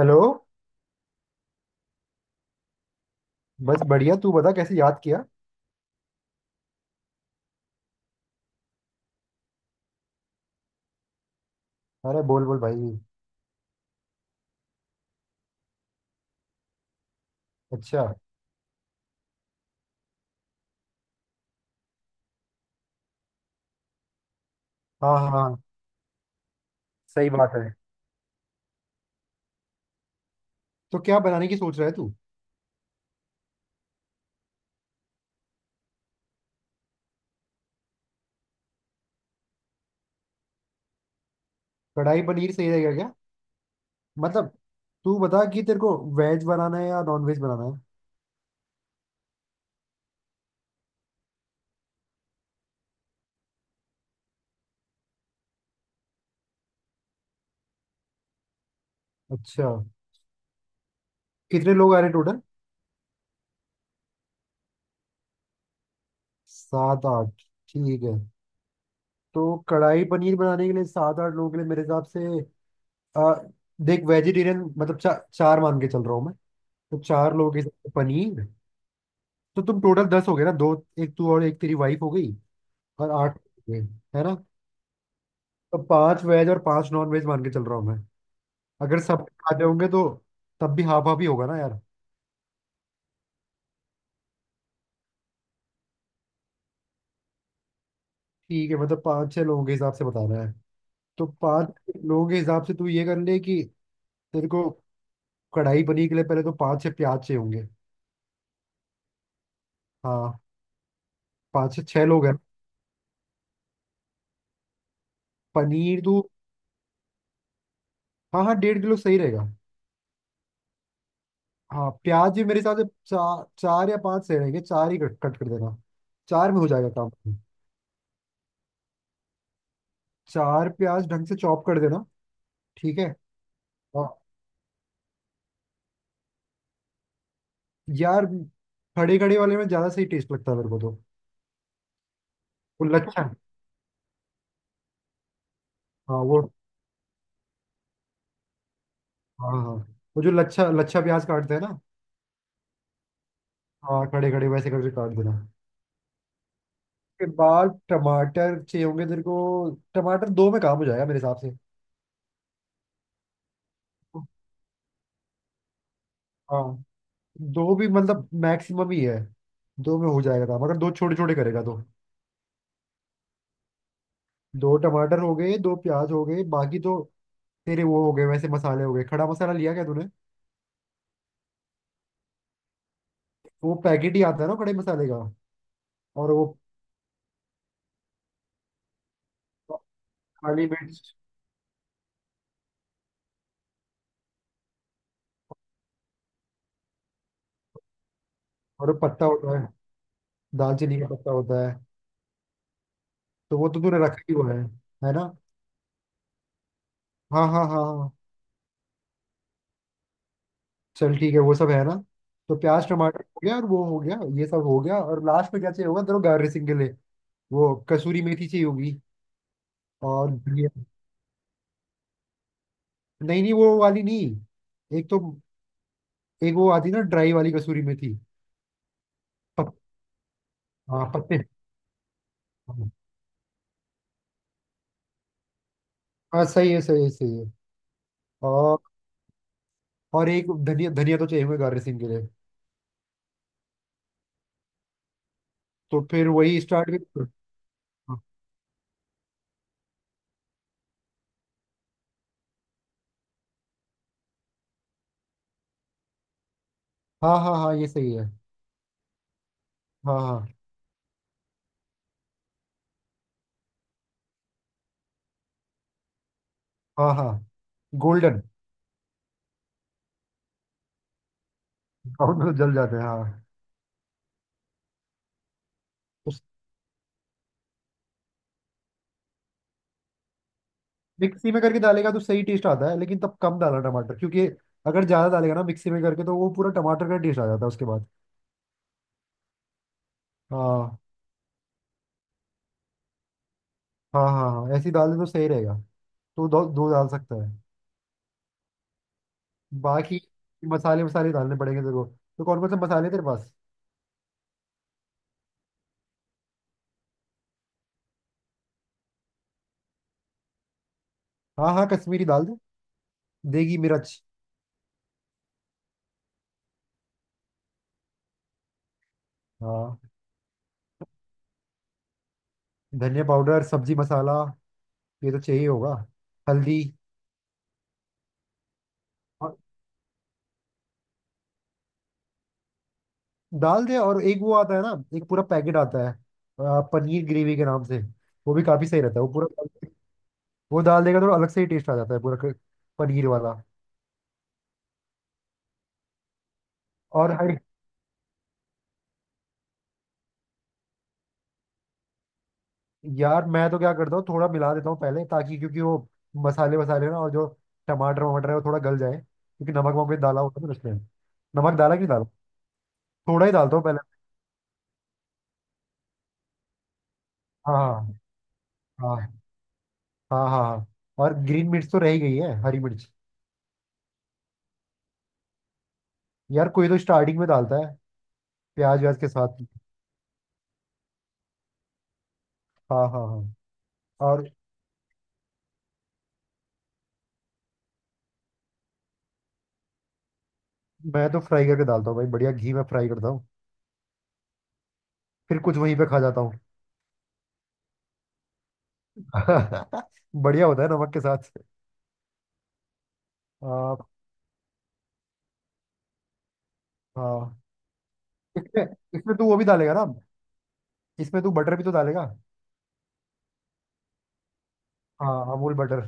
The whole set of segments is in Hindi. हेलो। बस बढ़िया, तू बता कैसे याद किया। अरे बोल बोल भाई। अच्छा। हाँ हाँ हाँ, सही बात है। तो क्या बनाने की सोच रहा है तू? कढ़ाई पनीर सही रहेगा क्या? मतलब तू बता कि तेरे को वेज बनाना है या नॉन वेज बनाना है। अच्छा, कितने लोग आ रहे टोटल? 7 8 ठीक है। तो कढ़ाई पनीर बनाने के लिए 7 8 लोगों के लिए मेरे हिसाब से आ, देख वेजिटेरियन मतलब 4 मान के चल रहा हूँ मैं। तो 4 लोगों के हिसाब से पनीर, तो तुम टोटल 10 हो गए ना? दो, एक तू और एक तेरी वाइफ हो गई, और 8 वेज, है ना? तो 5 वेज और 5 नॉन वेज मान के चल रहा हूँ मैं। अगर सब खाते होंगे तो तब भी हाफ हाफ ही होगा ना यार। ठीक है, मतलब 5 6 लोगों के हिसाब से बता रहा है। तो 5 लोगों के हिसाब से तू ये कर ले कि तेरे को कढ़ाई पनीर के लिए पहले तो 5 6 प्याज चाहिए होंगे। हाँ, 5 से 6 लोग हैं। पनीर तू, हाँ हाँ 1.5 किलो सही रहेगा। हाँ, प्याज भी मेरे हिसाब से 4 4 या 5 सही रहेंगे, चार ही कट कट कर देना। 4 में हो जाएगा काम। 4 प्याज ढंग से चॉप कर देना। ठीक है। और यार, खड़े खड़े वाले में ज्यादा सही टेस्ट लगता है मेरे को तो। वो लच्छा, हाँ वो, हाँ हाँ, वो जो लच्छा लच्छा प्याज काटते हैं ना, हाँ खड़े खड़े वैसे करके काट देना। के बाद टमाटर चाहिए होंगे तेरे को। टमाटर 2 में काम हो जाएगा मेरे हिसाब से। हाँ, 2 भी मतलब मैक्सिमम ही है। 2 में हो जाएगा काम अगर 2 छोटे छोटे करेगा तो। 2 टमाटर हो गए, 2 प्याज हो गए, बाकी तो तेरे वो हो गए, वैसे मसाले हो गए। खड़ा मसाला लिया क्या तूने? वो पैकेट ही आता है ना खड़े मसाले का। और वो काली मिर्च और वो पत्ता होता है, दालचीनी का पत्ता होता है। तो वो तो तूने रखा ही हुआ है ना? हाँ हाँ हाँ हाँ, चल ठीक है वो सब है ना। तो प्याज टमाटर हो गया और वो हो गया, ये सब हो गया, और लास्ट में क्या चाहिए होगा तेरे गार्निशिंग के लिए? वो कसूरी मेथी चाहिए होगी। और धनिया, नहीं नहीं वो वाली नहीं। एक तो, एक वो आती ना ड्राई वाली कसूरी मेथी। पत, हाँ पत्ते, हाँ सही है सही है सही है। और और एक धनिया धनिया तो चाहिए होगा गार्निशिंग के लिए। तो फिर वही स्टार्ट। हाँ हाँ हाँ, ये सही है। हाँ हाँ हाँ हाँ, गोल्डन ब्राउन में तो जल जाते हैं, हाँ। उस मिक्सी में करके डालेगा तो सही टेस्ट आता है, लेकिन तब कम डालना टमाटर क्योंकि अगर ज्यादा डालेगा ना मिक्सी में करके तो वो पूरा टमाटर का टेस्ट आ जाता है उसके बाद। हाँ हाँ हाँ हाँ, ऐसी दाल तो सही रहेगा। तो 2 2 डाल सकता है। बाकी मसाले मसाले डालने पड़ेंगे तेरे को। तो कौन कौन से मसाले हैं तेरे पास? हाँ हाँ, कश्मीरी डाल दे। देगी मिर्च। हाँ। धनिया पाउडर, सब्जी मसाला, ये तो चाहिए होगा, हल्दी। डाल दे, और एक वो आता है ना, एक पूरा पैकेट आता है पनीर ग्रेवी के नाम से, वो भी काफी सही रहता है वो पूरा। वो डाल देगा तो अलग से ही टेस्ट आ जाता है पूरा, पनीर वाला। और हर यार मैं तो क्या करता हूँ थोड़ा मिला देता हूँ पहले ताकि, क्योंकि वो मसाले वसाले ना और जो टमाटर वमाटर है वो थोड़ा गल जाए क्योंकि नमक वमक भी डाला होता है ना उसमें। नमक डाला कि नहीं डाला? थोड़ा ही डालता हूँ पहले। हाँ हाँ हाँ, हाँ हाँ हाँ, और ग्रीन मिर्च तो रह ही गई है, हरी मिर्च। यार कोई तो स्टार्टिंग में डालता है प्याज व्याज के साथ। हाँ हाँ हाँ। और मैं तो फ्राई करके डालता हूँ भाई, बढ़िया घी में फ्राई करता हूँ, फिर कुछ वहीं पे खा जाता हूँ। बढ़िया होता है नमक के साथ। आ, हाँ। इसमें इसमें तू वो भी डालेगा ना? इसमें तू बटर भी तो डालेगा। हाँ अमूल बटर।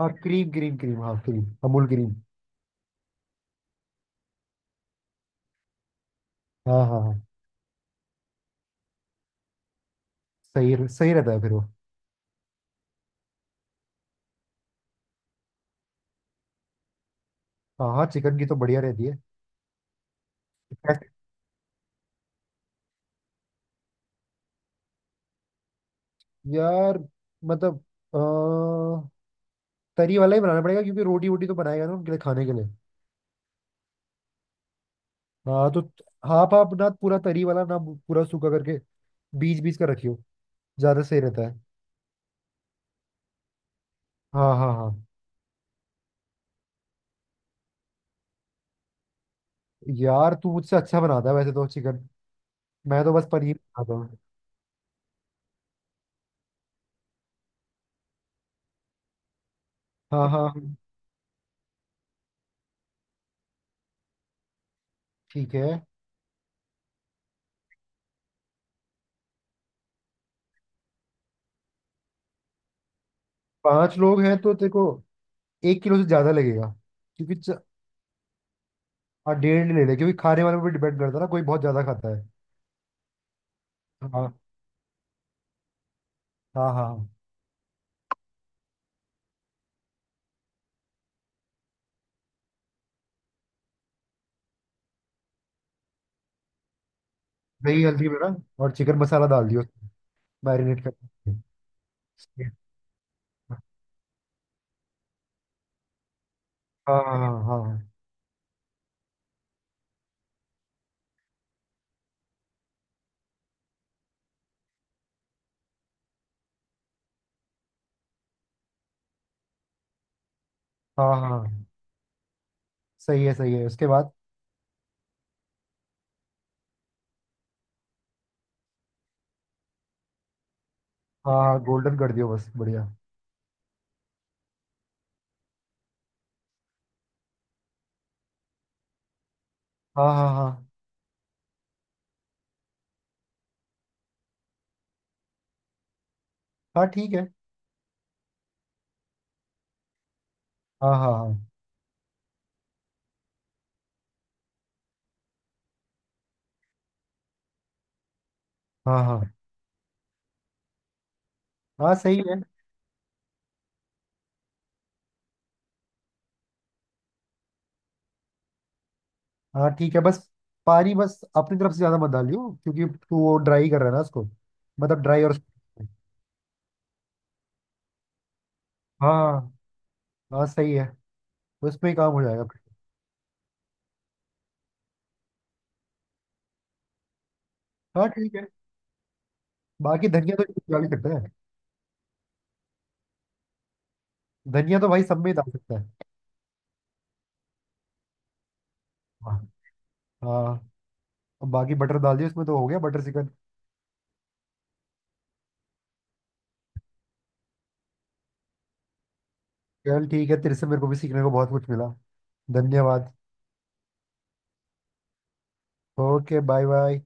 हाँ क्रीम क्रीम क्रीम, हाँ क्रीम, अमूल क्रीम। हाँ हाँ हाँ, सही सही रहता है फिर वो। हाँ हाँ, चिकन की तो बढ़िया रहती है। ऐसे- यार मतलब अ, तरी वाला ही बनाना पड़ेगा क्योंकि रोटी वोटी तो बनाएगा ना उनके लिए खाने के लिए। हाँ तो हाफ हाफ ना, पूरा तरी वाला ना पूरा सूखा करके, बीच बीच का रखियो, ज्यादा सही रहता है। हाँ हाँ हाँ, यार तू मुझसे अच्छा बनाता है वैसे तो चिकन, मैं तो बस पनीर बनाता हूँ। हाँ हाँ हाँ, ठीक है, पांच लोग हैं तो तेरे को 1 किलो से ज्यादा लगेगा क्योंकि हाँ डेढ़ ले ले, क्योंकि खाने वाले पर डिपेंड करता है ना, कोई बहुत ज्यादा खाता है। हाँ हाँ हाँ। दही हल्दी मेरा, और चिकन मसाला डाल दियो, मैरिनेट कर। हाँ हाँ हाँ हाँ हाँ हाँ, हाँ। सही है सही है, उसके बाद हाँ हाँ, गोल्डन कर दियो बस बढ़िया। हाँ हाँ हाँ हाँ ठीक है। हाँ हाँ हाँ हाँ हाँ हाँ सही है। हाँ ठीक है बस, पानी बस अपनी तरफ से ज्यादा मत डालियो क्योंकि तू वो ड्राई कर रहा है ना उसको, मतलब ड्राई और, हाँ हाँ सही है, उस पे ही काम हो जाएगा फिर। हाँ ठीक है। बाकी धनिया तो डाल ही सकते हैं, धनिया तो भाई सब में ही डाल सकता है। हाँ हाँ, अब बाकी बटर डाल दिया उसमें तो हो गया बटर चिकन। चल ठीक है, तेरे से मेरे को भी सीखने को बहुत कुछ मिला, धन्यवाद। Okay bye bye.